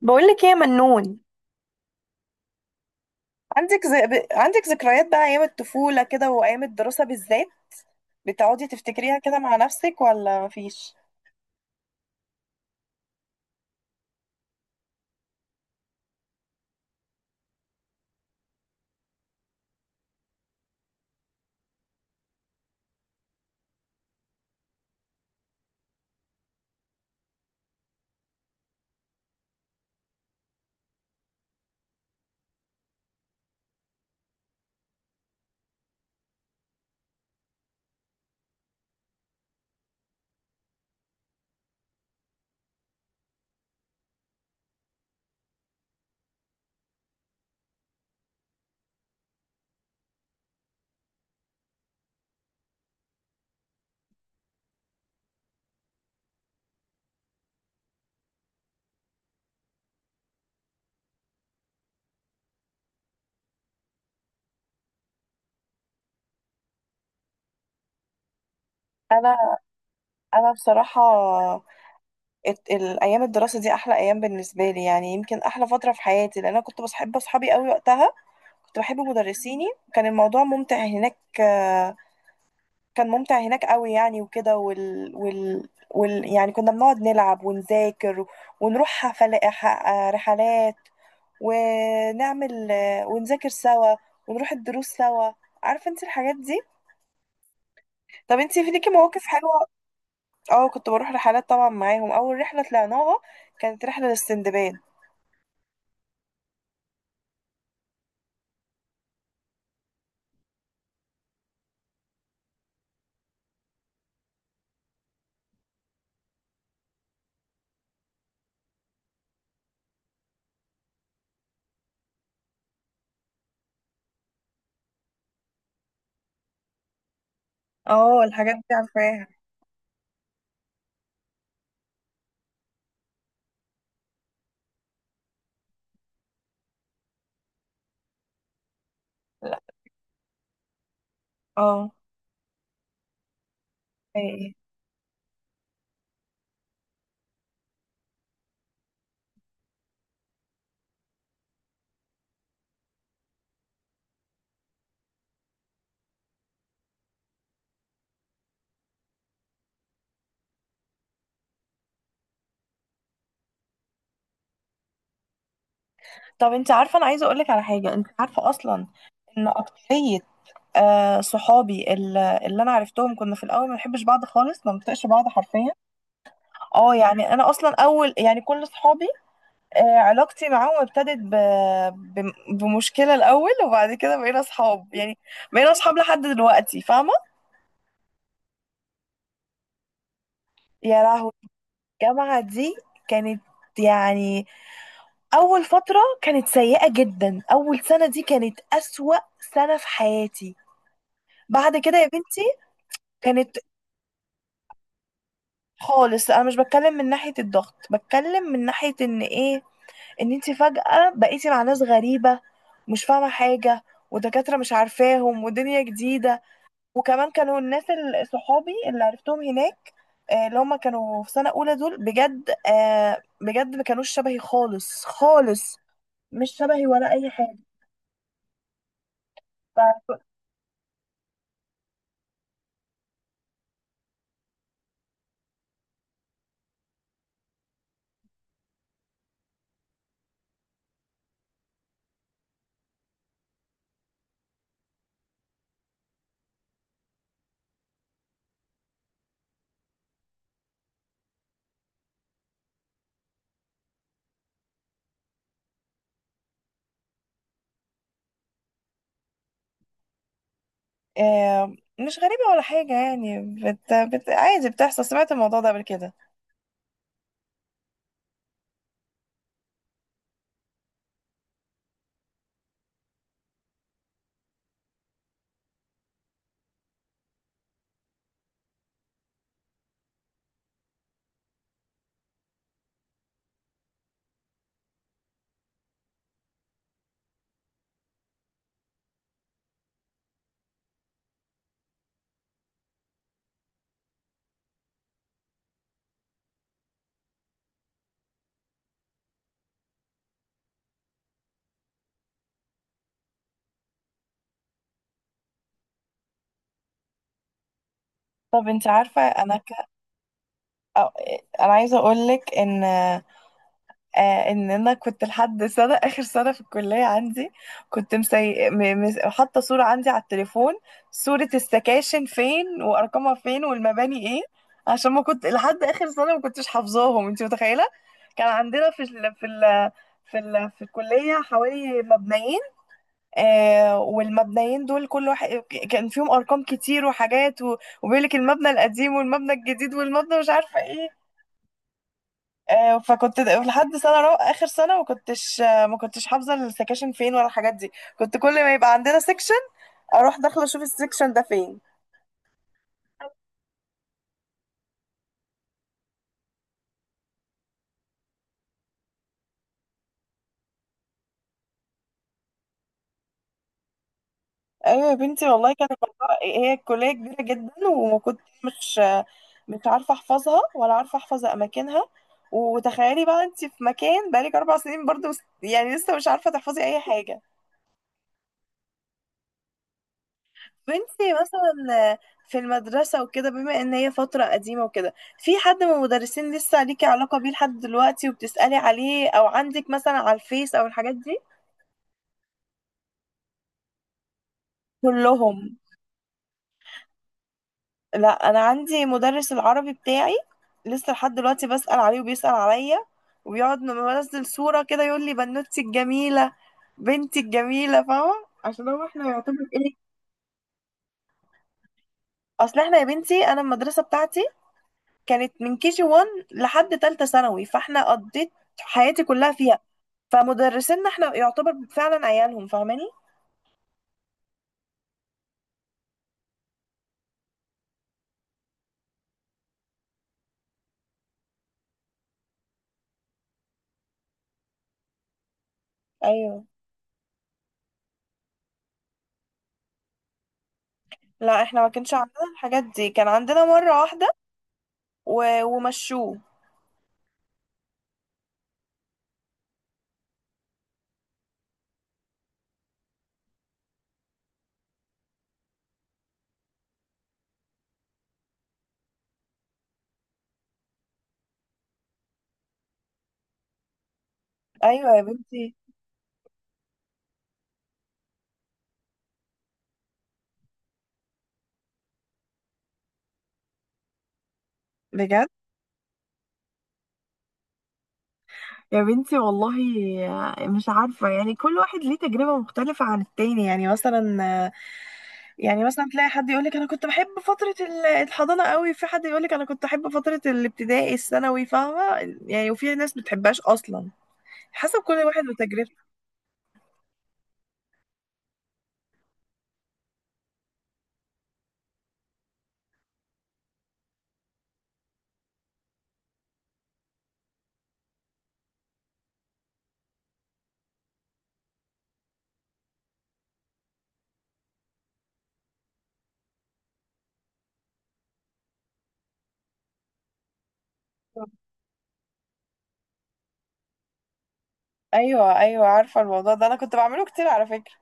بقولك ايه يا منون؟ عندك ذكريات بقى ايام الطفولة كده وايام الدراسة بالذات، بتقعدي تفتكريها كده مع نفسك ولا مفيش؟ انا انا بصراحة، الايام الدراسة دي احلى ايام بالنسبة لي، يعني يمكن احلى فترة في حياتي لان انا كنت بحب اصحابي قوي وقتها، كنت بحب مدرسيني. كان الموضوع ممتع هناك، كان ممتع هناك قوي يعني وكده، يعني كنا بنقعد نلعب ونذاكر ونروح حفل... ح- آه، رحلات، ونعمل، ونذاكر سوا، ونروح الدروس سوا، عارفة انت الحاجات دي. طب انت في ليكي مواقف حلوة؟ اه كنت بروح رحلات طبعا معاهم، اول رحلة طلعناها كانت رحلة للسندباد. اه الحاجات دي عارفاها. لا. اه. ايه. طب انت عارفة انا عايزة اقولك على حاجة، انت عارفة اصلا ان اكترية، صحابي اللي انا عرفتهم كنا في الاول ما بنحبش بعض خالص، ما بنطيقش بعض حرفيا. اه يعني انا اصلا اول يعني كل صحابي، علاقتي معاهم ابتدت بمشكلة الأول، وبعد كده بقينا أصحاب يعني، بقينا أصحاب لحد دلوقتي، فاهمة؟ يا لهوي. الجامعة دي كانت يعني أول فترة كانت سيئة جدا، أول سنة دي كانت أسوأ سنة في حياتي، بعد كده يا بنتي كانت خالص. أنا مش بتكلم من ناحية الضغط، بتكلم من ناحية إن إيه، إن أنت فجأة بقيتي مع ناس غريبة، مش فاهمة حاجة، ودكاترة مش عارفاهم ودنيا جديدة. وكمان كانوا الناس صحابي اللي عرفتهم هناك، اللي هم كانوا في سنة أولى دول بجد، بجد ما كانوش شبهي خالص خالص، مش شبهي ولا أي حاجة. ف... آه، مش غريبة ولا حاجة يعني، عادي بتحصل، سمعت الموضوع ده قبل كده. طب انت عارفة انا ك... أو... آه، انا عايزة اقولك ان، ان انا كنت لحد سنه اخر سنه في الكليه، عندي كنت حاطه صوره عندي على التليفون، صوره السكاشن فين وارقامها فين والمباني ايه، عشان ما كنت لحد اخر سنه ما كنتش حافظاهم، انت متخيله؟ كان عندنا في الكليه حوالي مبنيين، والمبنيين دول كل واحد كان فيهم ارقام كتير وحاجات وبيقول لك المبنى القديم والمبنى الجديد والمبنى مش عارفه ايه. فكنت لحد اخر سنه ما كنتش، ما كنتش حافظه السكاشن فين ولا الحاجات دي، كنت كل ما يبقى عندنا سكشن اروح داخله اشوف السكشن ده فين. ايوه يا بنتي والله، كان الموضوع هي الكليه كبيره جدا، وكنت مش عارفه احفظها ولا عارفه احفظ اماكنها، وتخيلي بقى انت في مكان بقالك 4 سنين برضو، يعني لسه مش عارفه تحفظي اي حاجه. وانتي مثلا في المدرسة وكده، بما ان هي فترة قديمة وكده، في حد من المدرسين لسه ليكي علاقة بيه لحد دلوقتي وبتسألي عليه، او عندك مثلا على الفيس او الحاجات دي؟ كلهم. لا انا عندي مدرس العربي بتاعي لسه لحد دلوقتي بسأل عليه وبيسأل عليا، وبيقعد لما بنزل صورة كده يقول لي بنوتي الجميلة، بنتي الجميلة، فاهمة؟ عشان هو احنا يعتبر ايه، اصل احنا يا بنتي انا المدرسة بتاعتي كانت من كي جي 1 لحد تالتة ثانوي، فاحنا قضيت حياتي كلها فيها. فمدرسينا احنا يعتبر فعلا عيالهم، فاهماني؟ ايوه. لا احنا ما كانش عندنا الحاجات دي، كان عندنا مرة واحدة ومشوه. ايوه يا بنتي. بجد. يا بنتي والله مش عارفة، يعني كل واحد ليه تجربة مختلفة عن التاني، يعني مثلا، يعني مثلا تلاقي حد يقولك أنا كنت بحب فترة الحضانة قوي، في حد يقولك أنا كنت أحب فترة الابتدائي الثانوي، فاهمة؟ يعني وفي ناس بتحبهاش أصلا، حسب كل واحد وتجربته. ايوه ايوه عارفه الموضوع ده انا كنت بعمله كتير على فكره.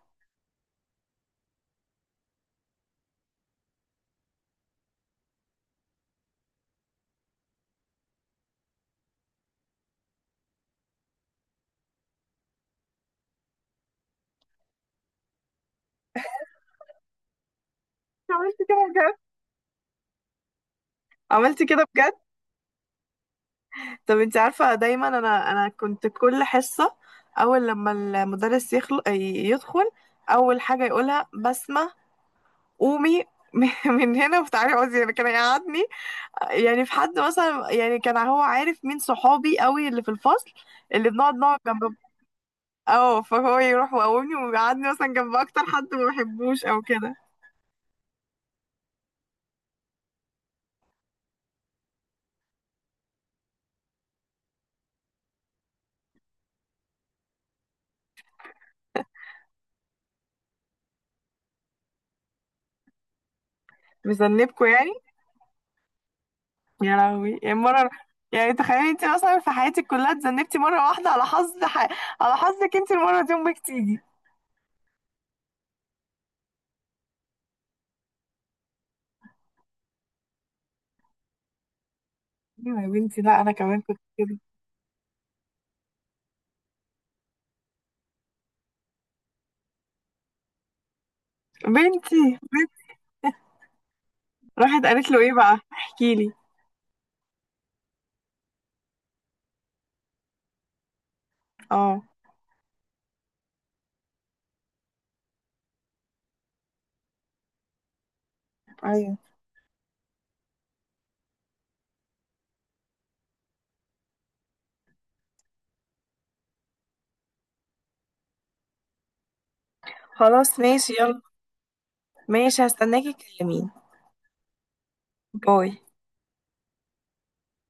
عملت كده بجد، عملت كده بجد. طب انت عارفة، دايما انا كنت كل حصة اول لما المدرس يدخل، اول حاجة يقولها بسمة قومي، من هنا وتعالي اقعدي، يعني كان يقعدني، يعني في حد مثلا، يعني كان هو عارف مين صحابي قوي اللي في الفصل، اللي بنقعد جنب. اه فهو يروح ويقومني ويقعدني مثلا جنب اكتر حد ما بحبوش او كده. مذنبكوا يعني؟ يا لهوي يعني مرة، يعني تخيلي انت اصلا في حياتك كلها اتذنبتي مرة واحدة على على حظك انت، المرة دي امك تيجي. ايوه يا بنتي. لا انا كمان كنت كده. بنتي، بنتي. راحت قالت له ايه بقى، احكي لي. اه. ايوه. خلاص ماشي يلا. ماشي هستناكي تكلميني. باي.